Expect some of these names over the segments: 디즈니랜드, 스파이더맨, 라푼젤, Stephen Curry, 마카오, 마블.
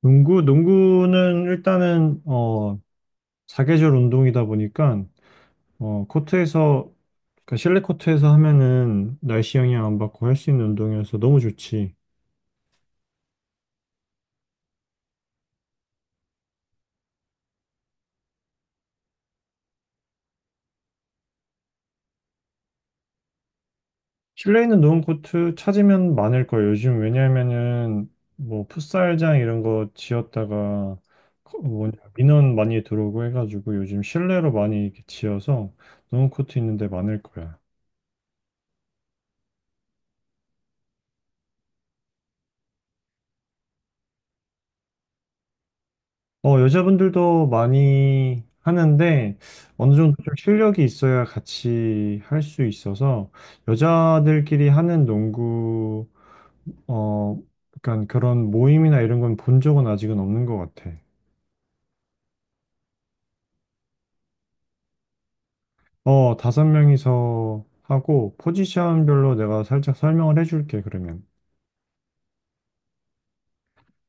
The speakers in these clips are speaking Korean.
농구는 일단은 사계절 운동이다 보니까 코트에서 그러니까 실내 코트에서 하면은 날씨 영향 안 받고 할 수 있는 운동이어서 너무 좋지. 실내에 있는 농구 코트 찾으면 많을 거예요. 요즘 왜냐면은 뭐 풋살장 이런 거 지었다가 뭐냐 민원 많이 들어오고 해가지고 요즘 실내로 많이 이렇게 지어서 농구 코트 있는 데 많을 거야. 여자분들도 많이 하는데 어느 정도 좀 실력이 있어야 같이 할 수 있어서 여자들끼리 하는 농구 어 약간 그런 모임이나 이런 건 본 적은 아직은 없는 것 같아. 5명이서 하고 포지션별로 내가 살짝 설명을 해줄게 그러면.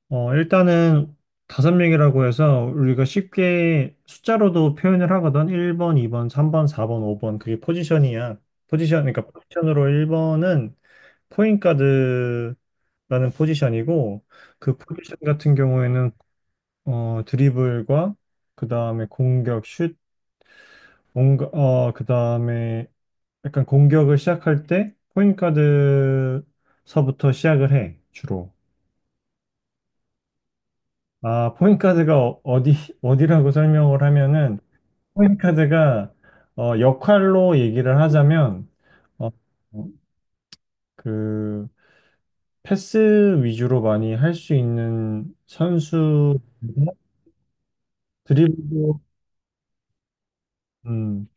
일단은 5명이라고 해서 우리가 쉽게 숫자로도 표현을 하거든. 1번, 2번, 3번, 4번, 5번. 그게 포지션이야. 포지션, 그러니까 포지션으로 1번은 포인 가드라는 포지션이고 그 포지션 같은 경우에는 드리블과 그다음에 공격, 슛, 뭔가 그다음에 약간 공격을 시작할 때 포인 가드서부터 시작을 해, 주로. 아, 포인카드가 어디라고 설명을 하면은, 포인카드가, 역할로 얘기를 하자면, 어, 그, 패스 위주로 많이 할 수 있는 선수, 드리블, 음,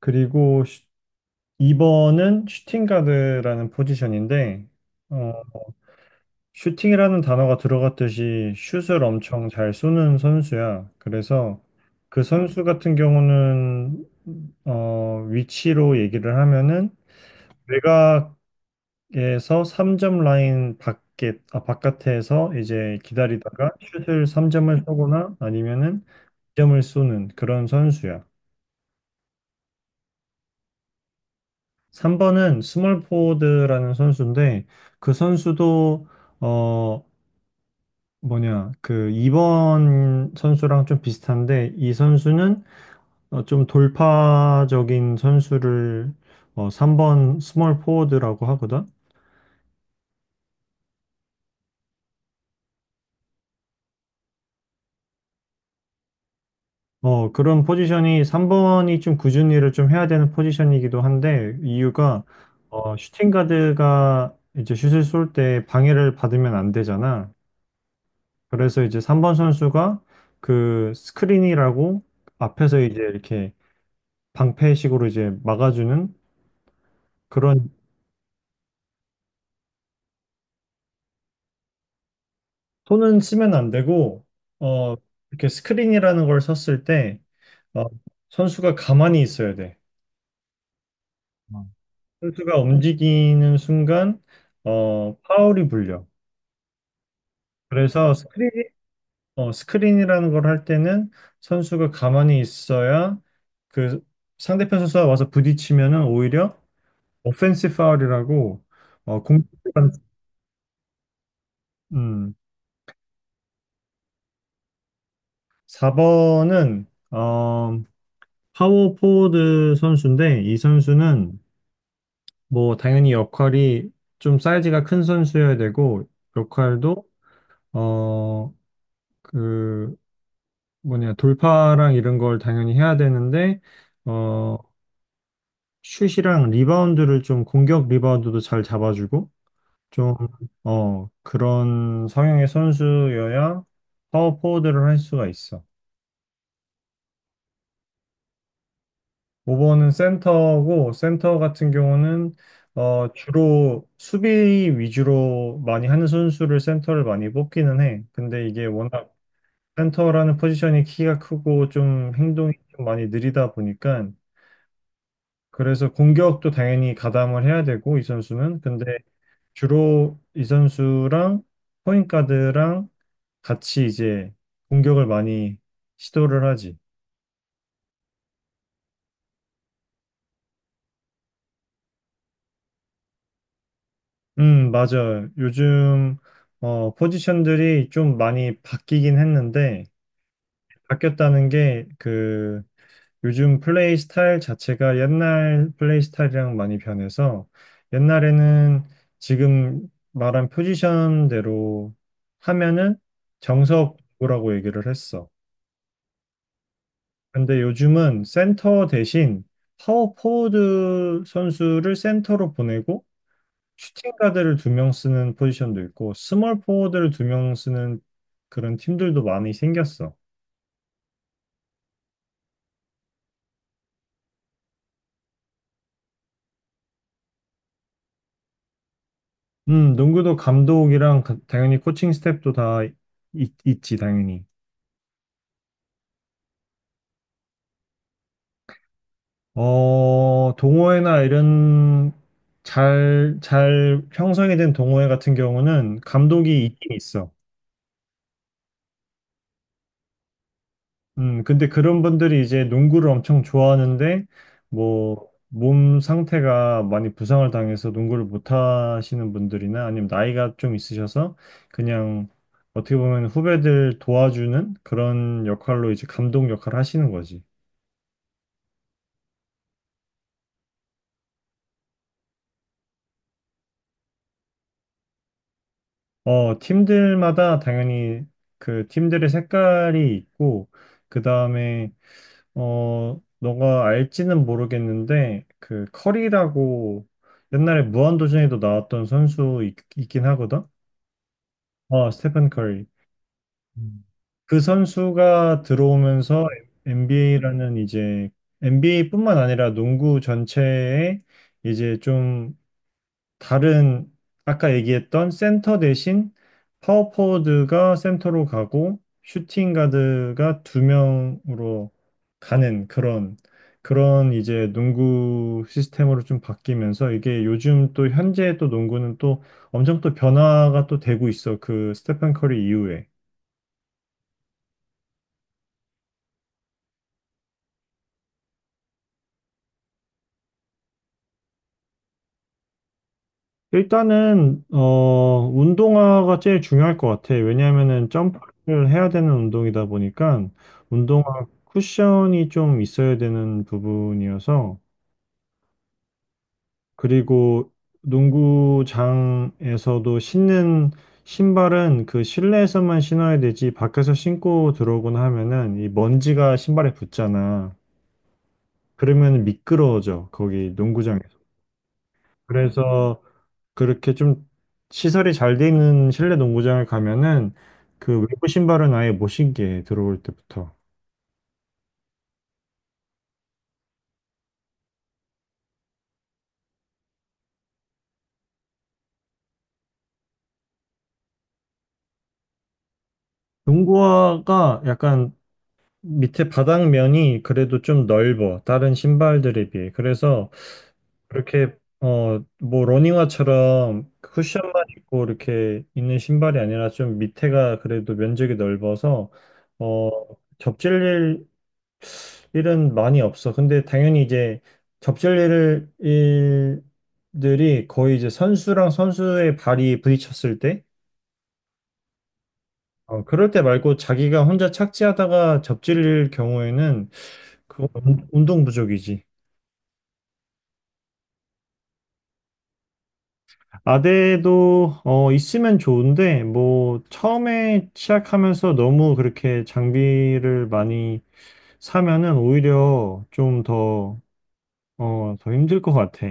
그리고 2번은 슈팅가드라는 포지션인데, 어, 슈팅이라는 단어가 들어갔듯이 슛을 엄청 잘 쏘는 선수야. 그래서 그 선수 같은 경우는 위치로 얘기를 하면은 외곽에서 3점 라인 밖에 아, 바깥에서 이제 기다리다가 슛을 3점을 쏘거나 아니면은 2점을 쏘는 그런 선수야. 3번은 스몰 포워드라는 선수인데 그 선수도 어, 뭐냐, 그 2번 선수랑 좀 비슷한데 이 선수는 좀 돌파적인 선수를 3번 스몰 포워드라고 하거든. 그런 포지션이 3번이 좀 꾸준히를 좀 해야 되는 포지션이기도 한데 이유가 슈팅 가드가 이제 슛을 쏠 때 방해를 받으면 안 되잖아. 그래서 이제 3번 선수가 그 스크린이라고 앞에서 이제 이렇게 방패식으로 이제 막아주는 그런 손은 쓰면 안 되고, 어, 음. 이렇게 스크린이라는 걸 썼을 때, 어, 선수가 가만히 있어야 돼. 어. 선수가 움직이는 순간, 파울이 불려. 그래서 스크린이라는 걸 할 때는 선수가 가만히 있어야 그 상대편 선수가 와서 부딪히면은 오히려 오펜시 파울이라고, 공, 음, 4번은, 어, 파워 포워드 선수인데, 이 선수는 뭐 당연히 역할이 좀 사이즈가 큰 선수여야 되고 역할도 어 그 뭐냐 돌파랑 이런 걸 당연히 해야 되는데 어 슛이랑 리바운드를 좀 공격 리바운드도 잘 잡아주고 좀 그런 성향의 선수여야 파워 포워드를 할 수가 있어. 5번은 센터고 센터 같은 경우는 주로 수비 위주로 많이 하는 선수를 센터를 많이 뽑기는 해. 근데 이게 워낙 센터라는 포지션이 키가 크고 좀 행동이 좀 많이 느리다 보니까 그래서 공격도 당연히 가담을 해야 되고 이 선수는 근데 주로 이 선수랑 포인트가드랑 같이 이제 공격을 많이 시도를 하지. 맞아요. 요즘, 포지션들이 좀 많이 바뀌긴 했는데, 바뀌었다는 게, 그, 요즘 플레이 스타일 자체가 옛날 플레이 스타일이랑 많이 변해서, 옛날에는 지금 말한 포지션대로 하면은 정석구라고 얘기를 했어. 근데 요즘은 센터 대신 파워 포워드 선수를 센터로 보내고, 슈팅 가드를 2명 쓰는 포지션도 있고 스몰 포워드를 2명 쓰는 그런 팀들도 많이 생겼어. 농구도 감독이랑 당연히 코칭 스태프도 다 있지, 당연히. 동호회나 이런 잘 형성이 된 동호회 같은 경우는 감독이 있긴 있어. 근데 그런 분들이 이제 농구를 엄청 좋아하는데, 뭐, 몸 상태가 많이 부상을 당해서 농구를 못 하시는 분들이나 아니면 나이가 좀 있으셔서 그냥 어떻게 보면 후배들 도와주는 그런 역할로 이제 감독 역할을 하시는 거지. 팀들마다 당연히 그 팀들의 색깔이 있고, 그 다음에 너가 알지는 모르겠는데, 그, 커리라고 옛날에 무한도전에도 나왔던 선수 있긴 하거든? 스테픈 커리. 음. 그 선수가 들어오면서 NBA라는 이제 NBA뿐만 아니라 농구 전체에 이제 좀 다른 아까 얘기했던 센터 대신 파워포워드가 센터로 가고 슈팅 가드가 2명으로 가는 그런 이제 농구 시스템으로 좀 바뀌면서 이게 요즘 또 현재 또 농구는 또 엄청 또 변화가 또 되고 있어. 그 스테판 커리 이후에. 일단은 운동화가 제일 중요할 것 같아. 왜냐하면은 점프를 해야 되는 운동이다 보니까 운동화 쿠션이 좀 있어야 되는 부분이어서 그리고 농구장에서도 신는 신발은 그 실내에서만 신어야 되지 밖에서 신고 들어오거나 하면은 이 먼지가 신발에 붙잖아. 그러면 미끄러워져 거기 농구장에서. 그래서 그렇게 좀 시설이 잘 돼 있는 실내 농구장을 가면은 그 외부 신발은 아예 못 신게 해, 들어올 때부터. 농구화가 약간 밑에 바닥면이 그래도 좀 넓어. 다른 신발들에 비해. 그래서 그렇게 뭐 러닝화처럼 쿠션만 있고 이렇게 있는 신발이 아니라 좀 밑에가 그래도 면적이 넓어서 어 접질릴 일은 많이 없어. 근데 당연히 이제 접질 일, 일들이 거의 이제 선수랑 선수의 발이 부딪혔을 때, 그럴 때 말고 자기가 혼자 착지하다가 접질릴 경우에는 그건 운동 부족이지. 아대도 있으면 좋은데 뭐 처음에 시작하면서 너무 그렇게 장비를 많이 사면은 오히려 좀 더 힘들 것 같아.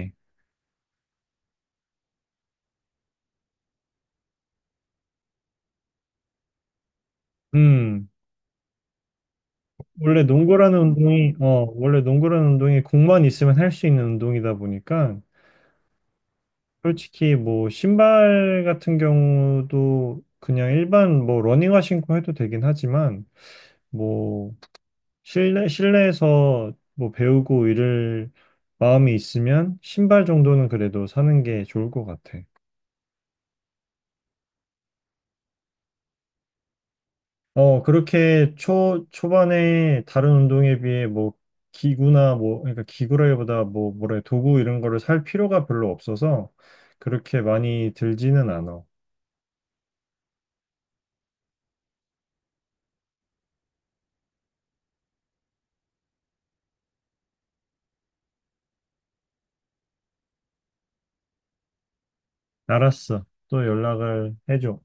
음. 원래 농구라는 운동이 공만 있으면 할 수 있는 운동이다 보니까, 솔직히 뭐, 신발 같은 경우도 그냥 일반 뭐, 러닝화 신고 해도 되긴 하지만, 뭐, 실내에서 뭐, 배우고 이럴 마음이 있으면, 신발 정도는 그래도 사는 게 좋을 것 같아. 그렇게 초반에 다른 운동에 비해 뭐 기구나 뭐, 그러니까 기구라기보다 뭐래, 도구 이런 거를 살 필요가 별로 없어서 그렇게 많이 들지는 않아. 알았어. 또 연락을 해줘.